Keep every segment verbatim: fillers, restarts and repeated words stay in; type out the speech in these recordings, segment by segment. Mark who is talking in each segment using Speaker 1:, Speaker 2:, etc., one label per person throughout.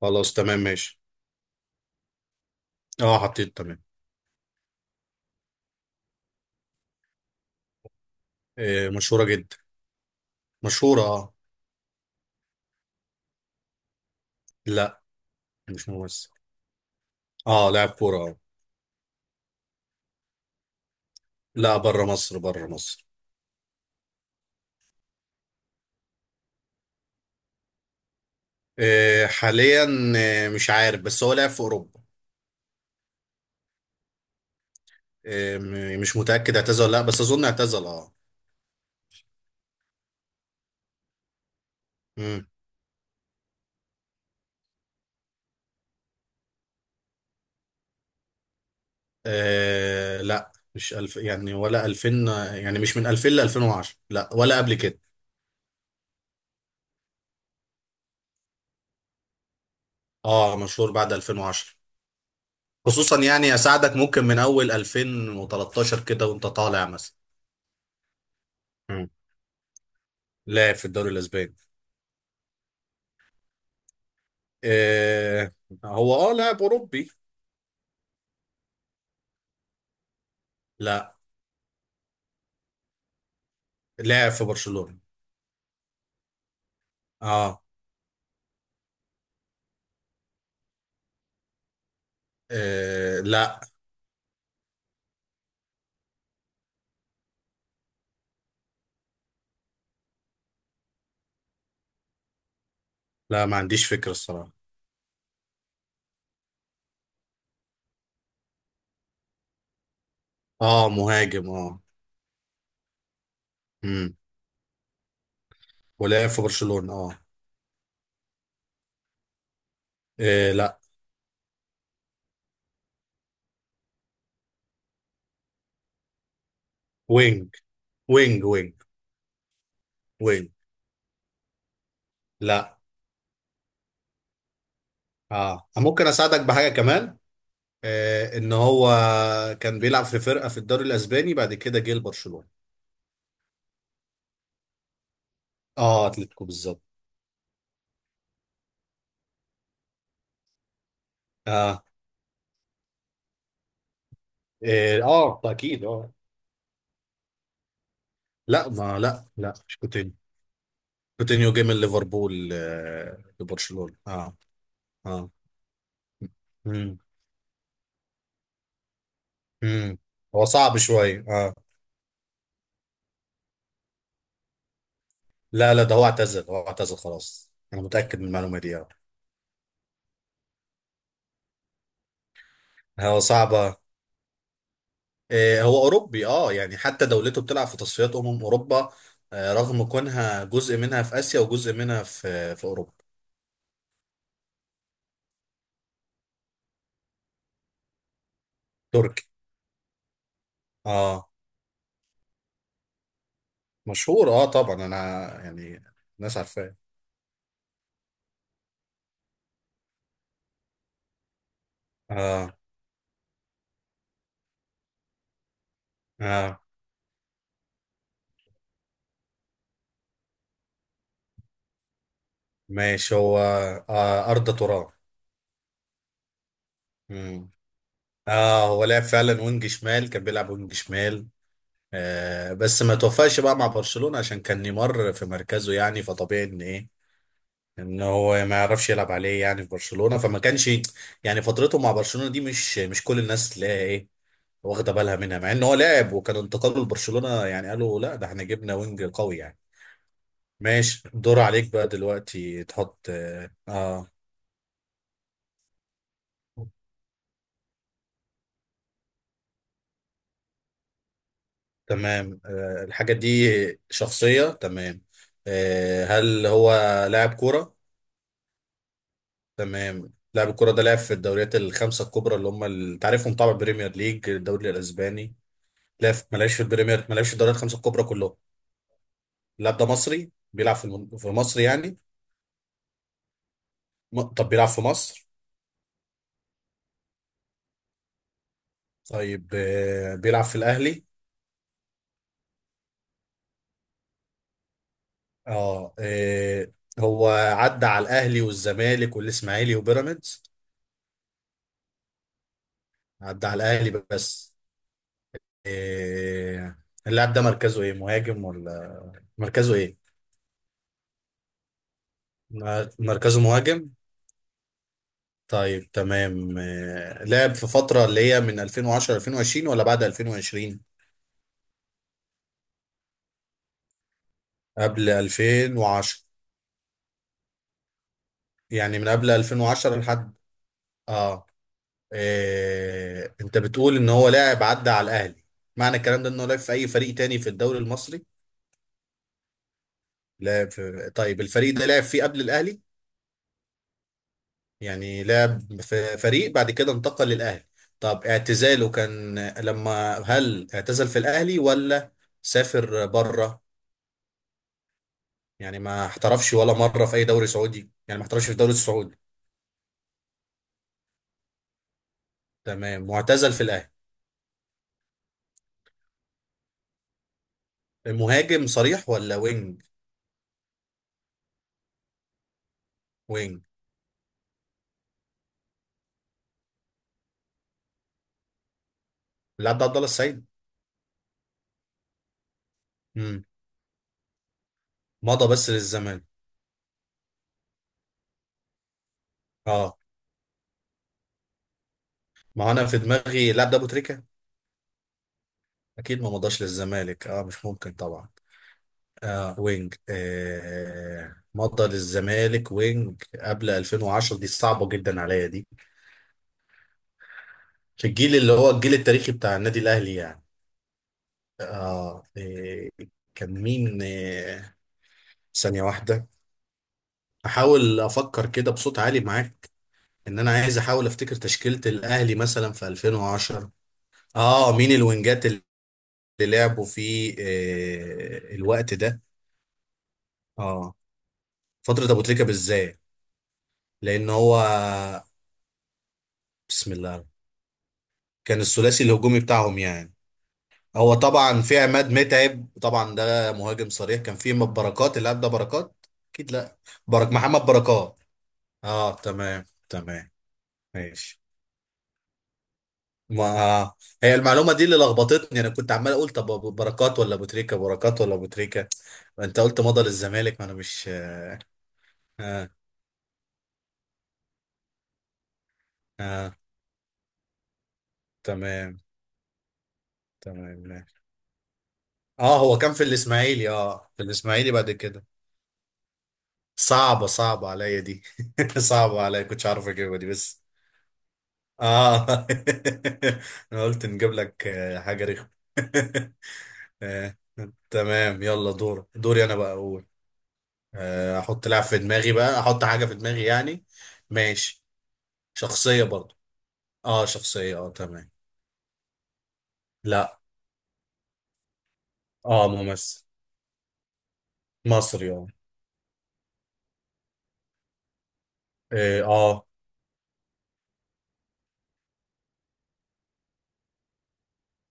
Speaker 1: خلاص، تمام، ماشي. اه حطيت، تمام. آه، مشهورة جدا. مشهورة، اه لا، مش ممثل. اه لاعب كورة، اه. لا، بره مصر، بره مصر. آه، حاليا. آه، مش عارف بس هو لاعب في أوروبا. آه، م- مش متأكد اعتزل ولا لا، بس أظن اعتزل، اه. مم. آه، لا، مش ألف يعني ولا ألفين. يعني مش من ألفين ل ألفين وعشرة، لا، ولا قبل كده. اه، مشهور بعد ألفين وعشرة. خصوصا يعني اساعدك ممكن من اول ألفين وتلتاشر كده وانت طالع مثلا. لاعب في الدوري الاسباني. آه، هو اه لاعب اوروبي. لا. لاعب في برشلونة. اه, آه. لا لا، ما عنديش فكرة الصراحة. اه، مهاجم، اه. امم ولاعب في برشلونة، اه, آه. لا. وينج وينج وينج وينج. لا. اه، ممكن اساعدك بحاجة كمان. آه، ان هو كان بيلعب في فرقة في الدوري الاسباني، بعد كده جه لبرشلونة. اه، اتلتيكو بالظبط. اه اه, آه، اكيد، اه. لا، ما لا لا، مش كنت. روتينيو جه من ليفربول، آه، لبرشلونة، اه اه. امم امم هو صعب شوية، اه. لا لا، ده هو اعتزل، هو اعتزل خلاص، انا متأكد من المعلومة دي، اه. هو صعبة. آه، هو اوروبي، اه، يعني حتى دولته بتلعب في تصفيات امم اوروبا. آه، رغم كونها جزء منها في اسيا وجزء منها في في اوروبا. تركي، اه. مشهور، اه، طبعا. انا يعني الناس عارفاه. اه اه ماشي. هو آه، أرض. تراب. اه، هو لعب فعلا وينج شمال، كان بيلعب وينج شمال. آه، بس ما توفقش بقى مع برشلونة عشان كان نيمار في مركزه، يعني فطبيعي ان ايه، ان هو ما يعرفش يلعب عليه يعني في برشلونة. فما كانش يعني فترته مع برشلونة دي مش مش كل الناس تلاقيها ايه، واخدة بالها منها، مع ان هو لاعب، وكان انتقاله لبرشلونة يعني قالوا لا ده احنا جبنا وينج قوي يعني. ماشي، الدور عليك بقى دلوقتي تحط اه, آه. تمام، آه، الحاجة دي شخصية، تمام. آه، هل هو لاعب كورة؟ تمام. لاعب الكورة ده لعب في الدوريات الخمسة الكبرى اللي هم ال- تعرفهم طبعا، بريمير ليج، الدوري الأسباني. لعب في- ما لعبش في البريمير، ما لعبش في الدوريات الخمسة الكبرى كلهم. اللاعب ده مصري، بيلعب في الم- في مصر يعني. م- طب بيلعب في مصر. طيب، آه، بيلعب في الأهلي. اه آه، هو عدى على الأهلي والزمالك والإسماعيلي وبيراميدز. عدى على الأهلي بس. إيه، اللاعب ده مركزه ايه، مهاجم ولا مركزه ايه؟ م- مركزه مهاجم. طيب تمام، إيه، لعب في فترة اللي هي من ألفين وعشرة ألفين وعشرين ولا بعد ألفين وعشرين؟ قبل ألفين وعشرة. يعني من قبل ألفين وعشرة لحد. اه، إيه، انت بتقول ان هو لاعب عدى على الاهلي. معنى الكلام ده انه لعب في اي فريق تاني في الدوري المصري. لعب في... طيب الفريق ده لعب فيه قبل الاهلي؟ يعني لعب في فريق بعد كده انتقل للأهلي. طب اعتزاله كان لما، هل اعتزل في الأهلي ولا سافر بره؟ يعني ما احترفش ولا مرة في أي دوري سعودي، يعني ما احترفش في الدوري السعودي. تمام، واعتزل في الأهلي. المهاجم صريح ولا وينج؟ وينج. اللاعب ده عبد الله السعيد؟ امم مضى بس للزمالك. اه، ما هو انا في دماغي اللاعب ده ابو تريكة. اكيد، ما مضاش للزمالك، اه، مش ممكن طبعا. آه وينج، آه مضى للزمالك وينج قبل ألفين وعشرة، دي صعبة جدا عليا دي. في الجيل اللي هو الجيل التاريخي بتاع النادي الأهلي يعني. آه آه، كان مين؟ آه، ثانية واحدة، أحاول أفكر كده بصوت عالي معاك. إن أنا عايز أحاول أفتكر تشكيلة الأهلي مثلا في ألفين وعشرة. آه، مين الوينجات اللي لعبوا في آه الوقت ده؟ آه، فترة أبو تريكة بالذات، لأن هو بسم الله كان الثلاثي الهجومي بتاعهم يعني. هو طبعا في عماد متعب، طبعا ده مهاجم صريح. كان في بركات، اللي قبل ده بركات. اكيد لا. برك محمد بركات. اه، تمام تمام، ماشي. ما آه. هي المعلومه دي اللي لخبطتني، انا كنت عمال اقول طب أبو بركات ولا ابو تريكه، بركات ولا ابو تريكه. انت قلت مضى للزمالك، ما انا مش، اه. اه، آه، تمام تمام ماشي. اه، هو كان في الاسماعيلي، اه في الاسماعيلي بعد كده. صعبه صعبه عليا دي. صعبه عليا، كنتش عارف اجيبها دي بس. اه انا قلت نجيب لك آه، حاجة رخمة. آه، تمام، يلا دور، دوري انا بقى اقول. آه، احط لاعب في دماغي، بقى احط حاجة في دماغي يعني. ماشي. شخصية برضو. اه شخصية، اه تمام. لا. اه ممثل. مصري، اه. اه، آه.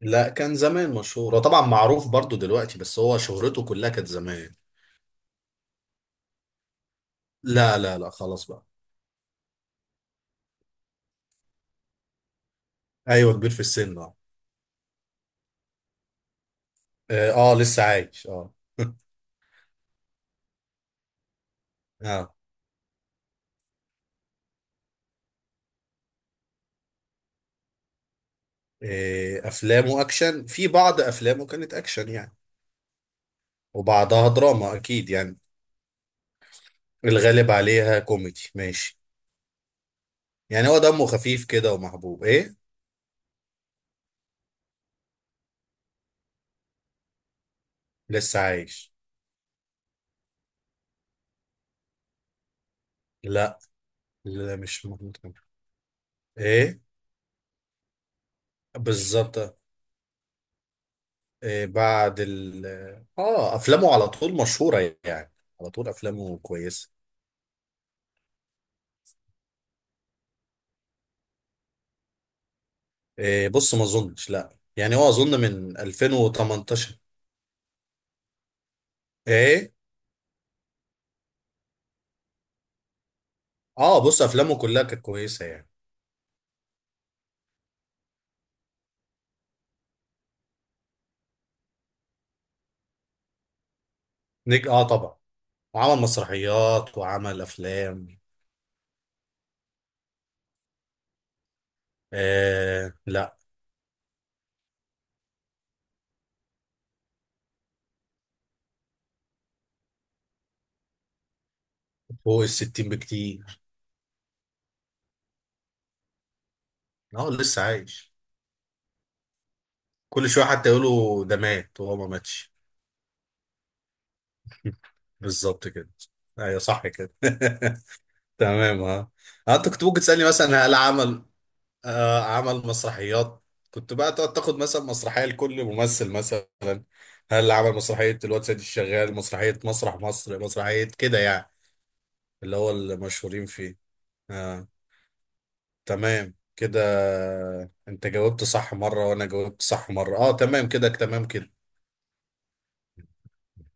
Speaker 1: لا، كان زمان مشهور، هو طبعا معروف برضو دلوقتي بس هو شهرته كلها كانت زمان. لا لا لا خلاص بقى. ايوه، كبير في السن، اه. اه، آه، لسه عايش، اه. اه. إيه، افلامه اكشن، في بعض افلامه كانت اكشن يعني، وبعضها دراما اكيد يعني. الغالب عليها كوميدي، ماشي. يعني هو دمه خفيف كده ومحبوب، ايه. لسه عايش. لا، لا مش محمود كامل. ايه. بالظبط. إيه، بعد ال اه افلامه على طول مشهورة يعني، على طول افلامه كويسة. إيه، بص، ما اظنش لا، يعني هو اظن من ألفين وتمنتاشر. ايه، اه، بص افلامه كلها كانت كويسة يعني. نجم، اه طبعا، وعمل مسرحيات وعمل افلام. آه لا. فوق الستين بكتير. اه، لسه عايش. كل شويه حتى يقولوا ده مات وهو ما ماتش. بالظبط كده. ايوه، صح كده. تمام، ها، انت كنت ممكن تسالني مثلا هل عمل، آه، عمل مسرحيات. كنت بقى تقعد تاخد مثلا مسرحيه لكل ممثل مثلا، هل عمل مسرحيه الواد سيد الشغال، مسرحيه مسرح مصر، مسرحيه كده يعني، اللي هو المشهورين فيه. آه. تمام كده، انت جاوبت صح مرة وانا جاوبت صح مرة، اه تمام كده، تمام كده.